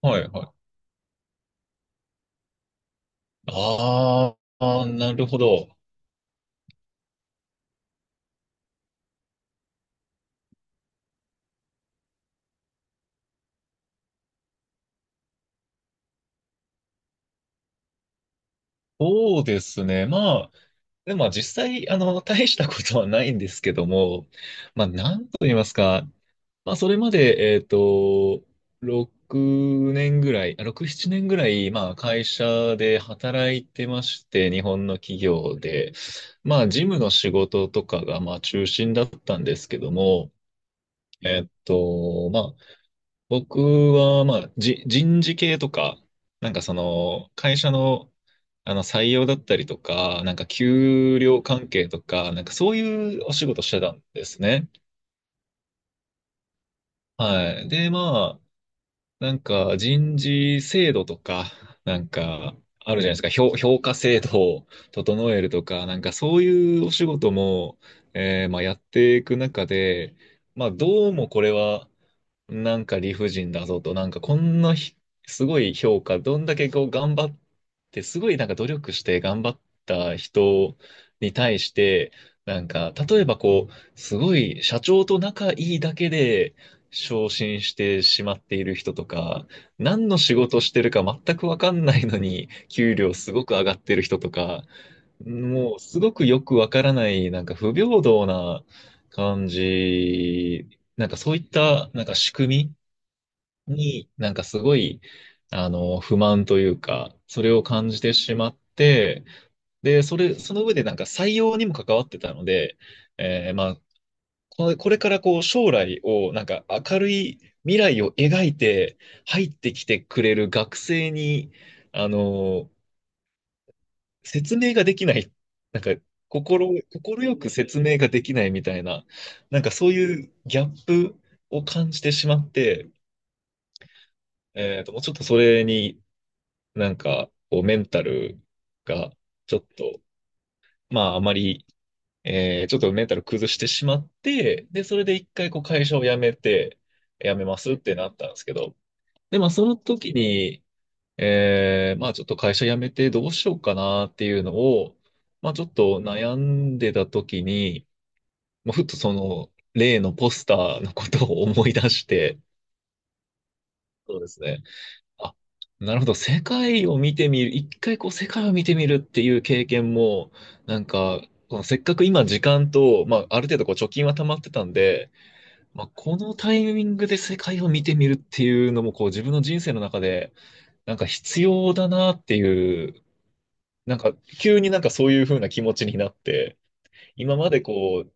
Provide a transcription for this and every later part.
はいはい。ああ、なるほど。そうですね。まあ、でも実際、大したことはないんですけども、まあ、なんと言いますか、まあ、それまで、6年ぐらい、あ6、7年ぐらい、まあ、会社で働いてまして、日本の企業で、まあ、事務の仕事とかが、まあ、中心だったんですけども、まあ、僕は、まあ、人事系とか、なんかその、会社の、採用だったりとか、なんか給料関係とか、なんかそういうお仕事してたんですね。はい。で、まあ、なんか人事制度とか、なんかあるじゃないですか、評価制度を整えるとか、なんかそういうお仕事も、まあ、やっていく中で、まあどうもこれはなんか理不尽だぞと、なんかこんなすごい評価、どんだけこう頑張って、すごいなんか努力して頑張った人に対して、なんか例えばこう、すごい社長と仲いいだけで、昇進してしまっている人とか、何の仕事してるか全くわかんないのに、給料すごく上がってる人とか、もうすごくよくわからない、なんか不平等な感じ、なんかそういった、なんか仕組みに、なんかすごい、不満というか、それを感じてしまって、で、その上でなんか採用にも関わってたので、まあ、これからこう将来をなんか明るい未来を描いて入ってきてくれる学生に、あの、説明ができない、なんか心よく説明ができないみたいな、なんかそういうギャップを感じてしまって、もうちょっとそれになんかこうメンタルがちょっと、まああまりちょっとメンタル崩してしまって、で、それで一回こう会社を辞めて、辞めますってなったんですけど、で、まあその時に、まあちょっと会社辞めてどうしようかなっていうのを、まあちょっと悩んでた時に、まあ、ふっとその例のポスターのことを思い出して、そうですね。あ、なるほど。世界を見てみる。一回こう世界を見てみるっていう経験も、なんか、このせっかく今時間と、まあある程度こう貯金は溜まってたんで、まあこのタイミングで世界を見てみるっていうのもこう自分の人生の中で、なんか必要だなっていう、なんか急になんかそういう風な気持ちになって、今までこう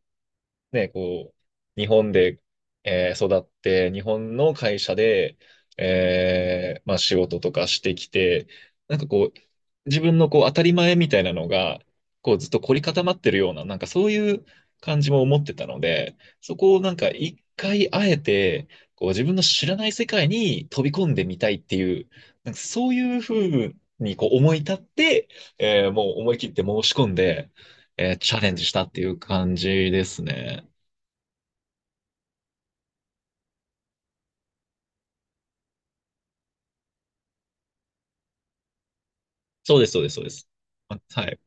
ね、こう、日本で、育って、日本の会社で、まあ、仕事とかしてきて、なんかこう、自分のこう当たり前みたいなのが、こうずっと凝り固まってるような、なんかそういう感じも思ってたので、そこをなんか一回あえて、こう自分の知らない世界に飛び込んでみたいっていう、なんかそういうふうにこう思い立って、もう思い切って申し込んで、チャレンジしたっていう感じですね。そうです、そうです、そうです。あ、はい。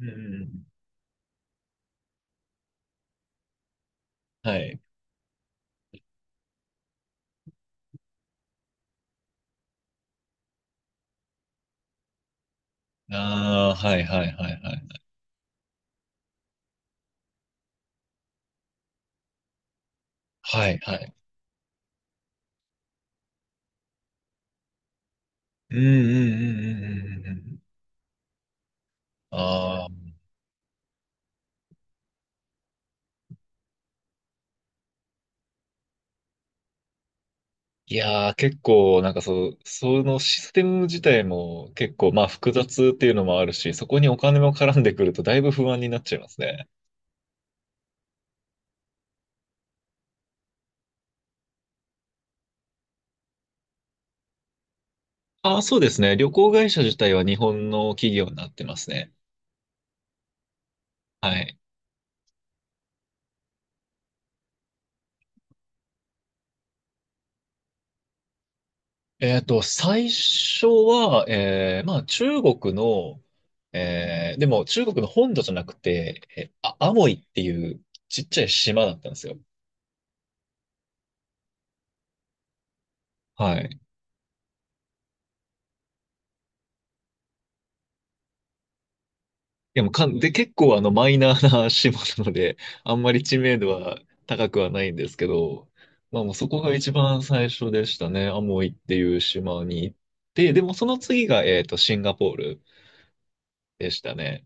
うんうんうん。はい。ああ、はいはいはいはい。はい、はい。うんうんうんうんうんうんうん。ああ、いやー、結構、なんかそう、そのシステム自体も結構、まあ複雑っていうのもあるし、そこにお金も絡んでくるとだいぶ不安になっちゃいますね。ああ、そうですね。旅行会社自体は日本の企業になってますね。はい。最初は、まあ、中国の、でも中国の本土じゃなくて、あ、アモイっていうちっちゃい島だったんですよ。はい。でもかん、で、結構マイナーな 島なので、あんまり知名度は高くはないんですけど、まあ、もうそこが一番最初でしたね。アモイっていう島に行って、でもその次が、シンガポールでしたね。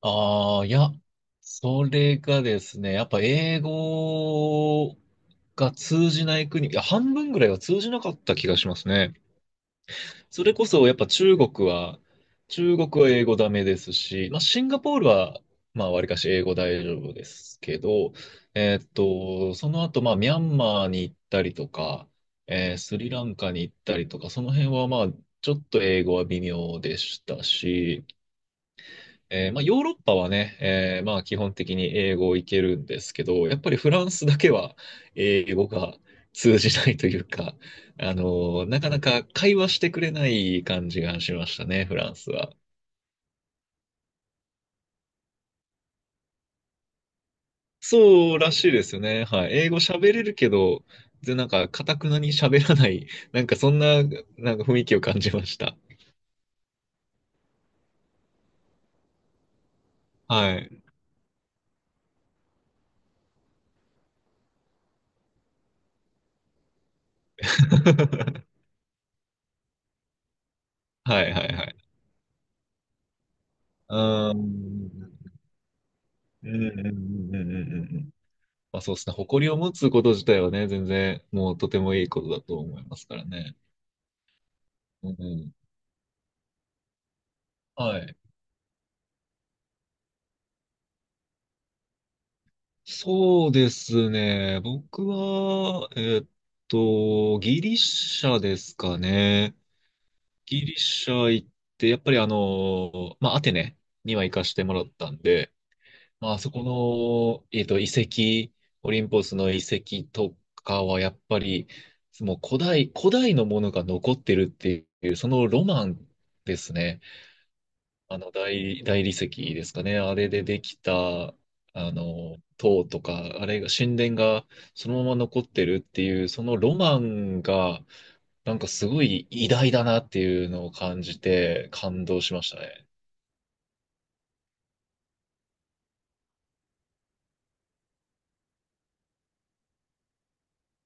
ああ、いや、それがですね、やっぱ英語が通じない国、いや、半分ぐらいは通じなかった気がしますね。それこそやっぱ中国は英語ダメですし、まあシンガポールは、まあわりかし英語大丈夫ですけど、その後まあミャンマーに行ったりとか、スリランカに行ったりとか、その辺はまあちょっと英語は微妙でしたし、まあ、ヨーロッパはね、まあ、基本的に英語をいけるんですけど、やっぱりフランスだけは英語が通じないというか、あのなかなか会話してくれない感じがしましたね、フランスは。そうらしいですよね。はい。英語喋れるけど、で、なんか、かたくなに喋らない、なんかそんな、なんか雰囲気を感じました。はい。はいはいはい。うーん。うんうんうんうんうんうんん。まあそうですね。誇りを持つこと自体はね、全然もうとてもいいことだと思いますからね。うん。はい。そうですね。僕は、ギリシャですかね。ギリシャ行って、やっぱりまあアテネには行かしてもらったんで、まああそこの、遺跡、オリンポスの遺跡とかはやっぱり、もう古代、古代のものが残ってるっていう、そのロマンですね。あの大理石ですかね。あれでできた、あの、塔とか、あれが、神殿がそのまま残ってるっていう、そのロマンが、なんかすごい偉大だなっていうのを感じて、感動しましたね。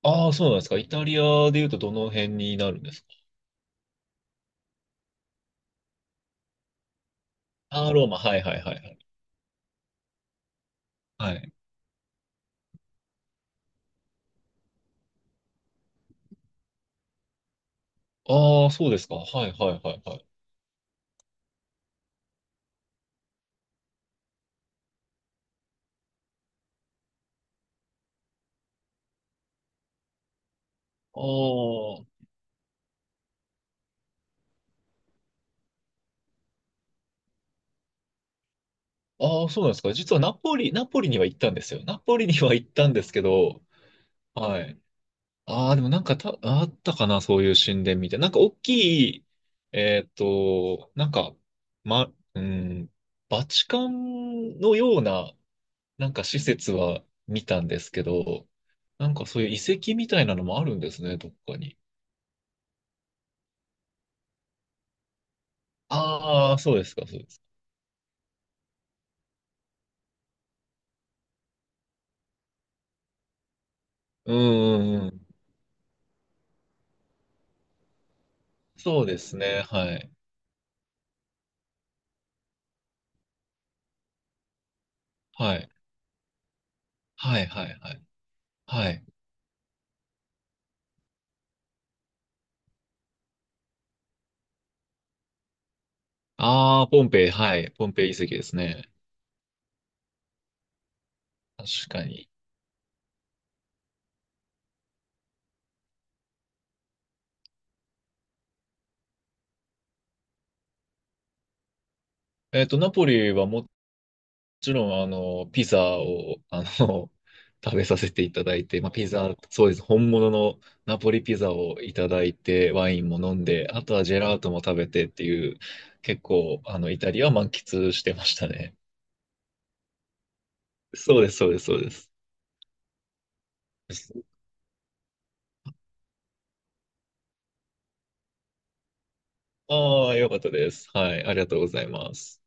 ああ、そうなんですか。イタリアで言うとどの辺になるんですか？ああー、ローマ。はいはいはいはい。はい。ああ、そうですか。はいはいはいはい。ああ。ああ、そうなんですか。実はナポリには行ったんですよ。ナポリには行ったんですけど、はい。ああ、でもなんかあったかな、そういう神殿みたいな。なんか大きい、なんか、うん、バチカンのような、なんか施設は見たんですけど、なんかそういう遺跡みたいなのもあるんですね、どっかに。ああ、そうですか、そうですか。うん、うんうん、そうですね、はい。はい。はい、はい、はい。はい。ああ、ポンペイ、はい。ポンペイ遺跡ですね。確かに。ナポリはもちろん、ピザを、食べさせていただいて、まあ、ピザ、そうです。本物のナポリピザをいただいて、ワインも飲んで、あとはジェラートも食べてっていう、結構、イタリアは満喫してましたね。そうです、そうです、そうです。ああ、よかったです。はい、ありがとうございます。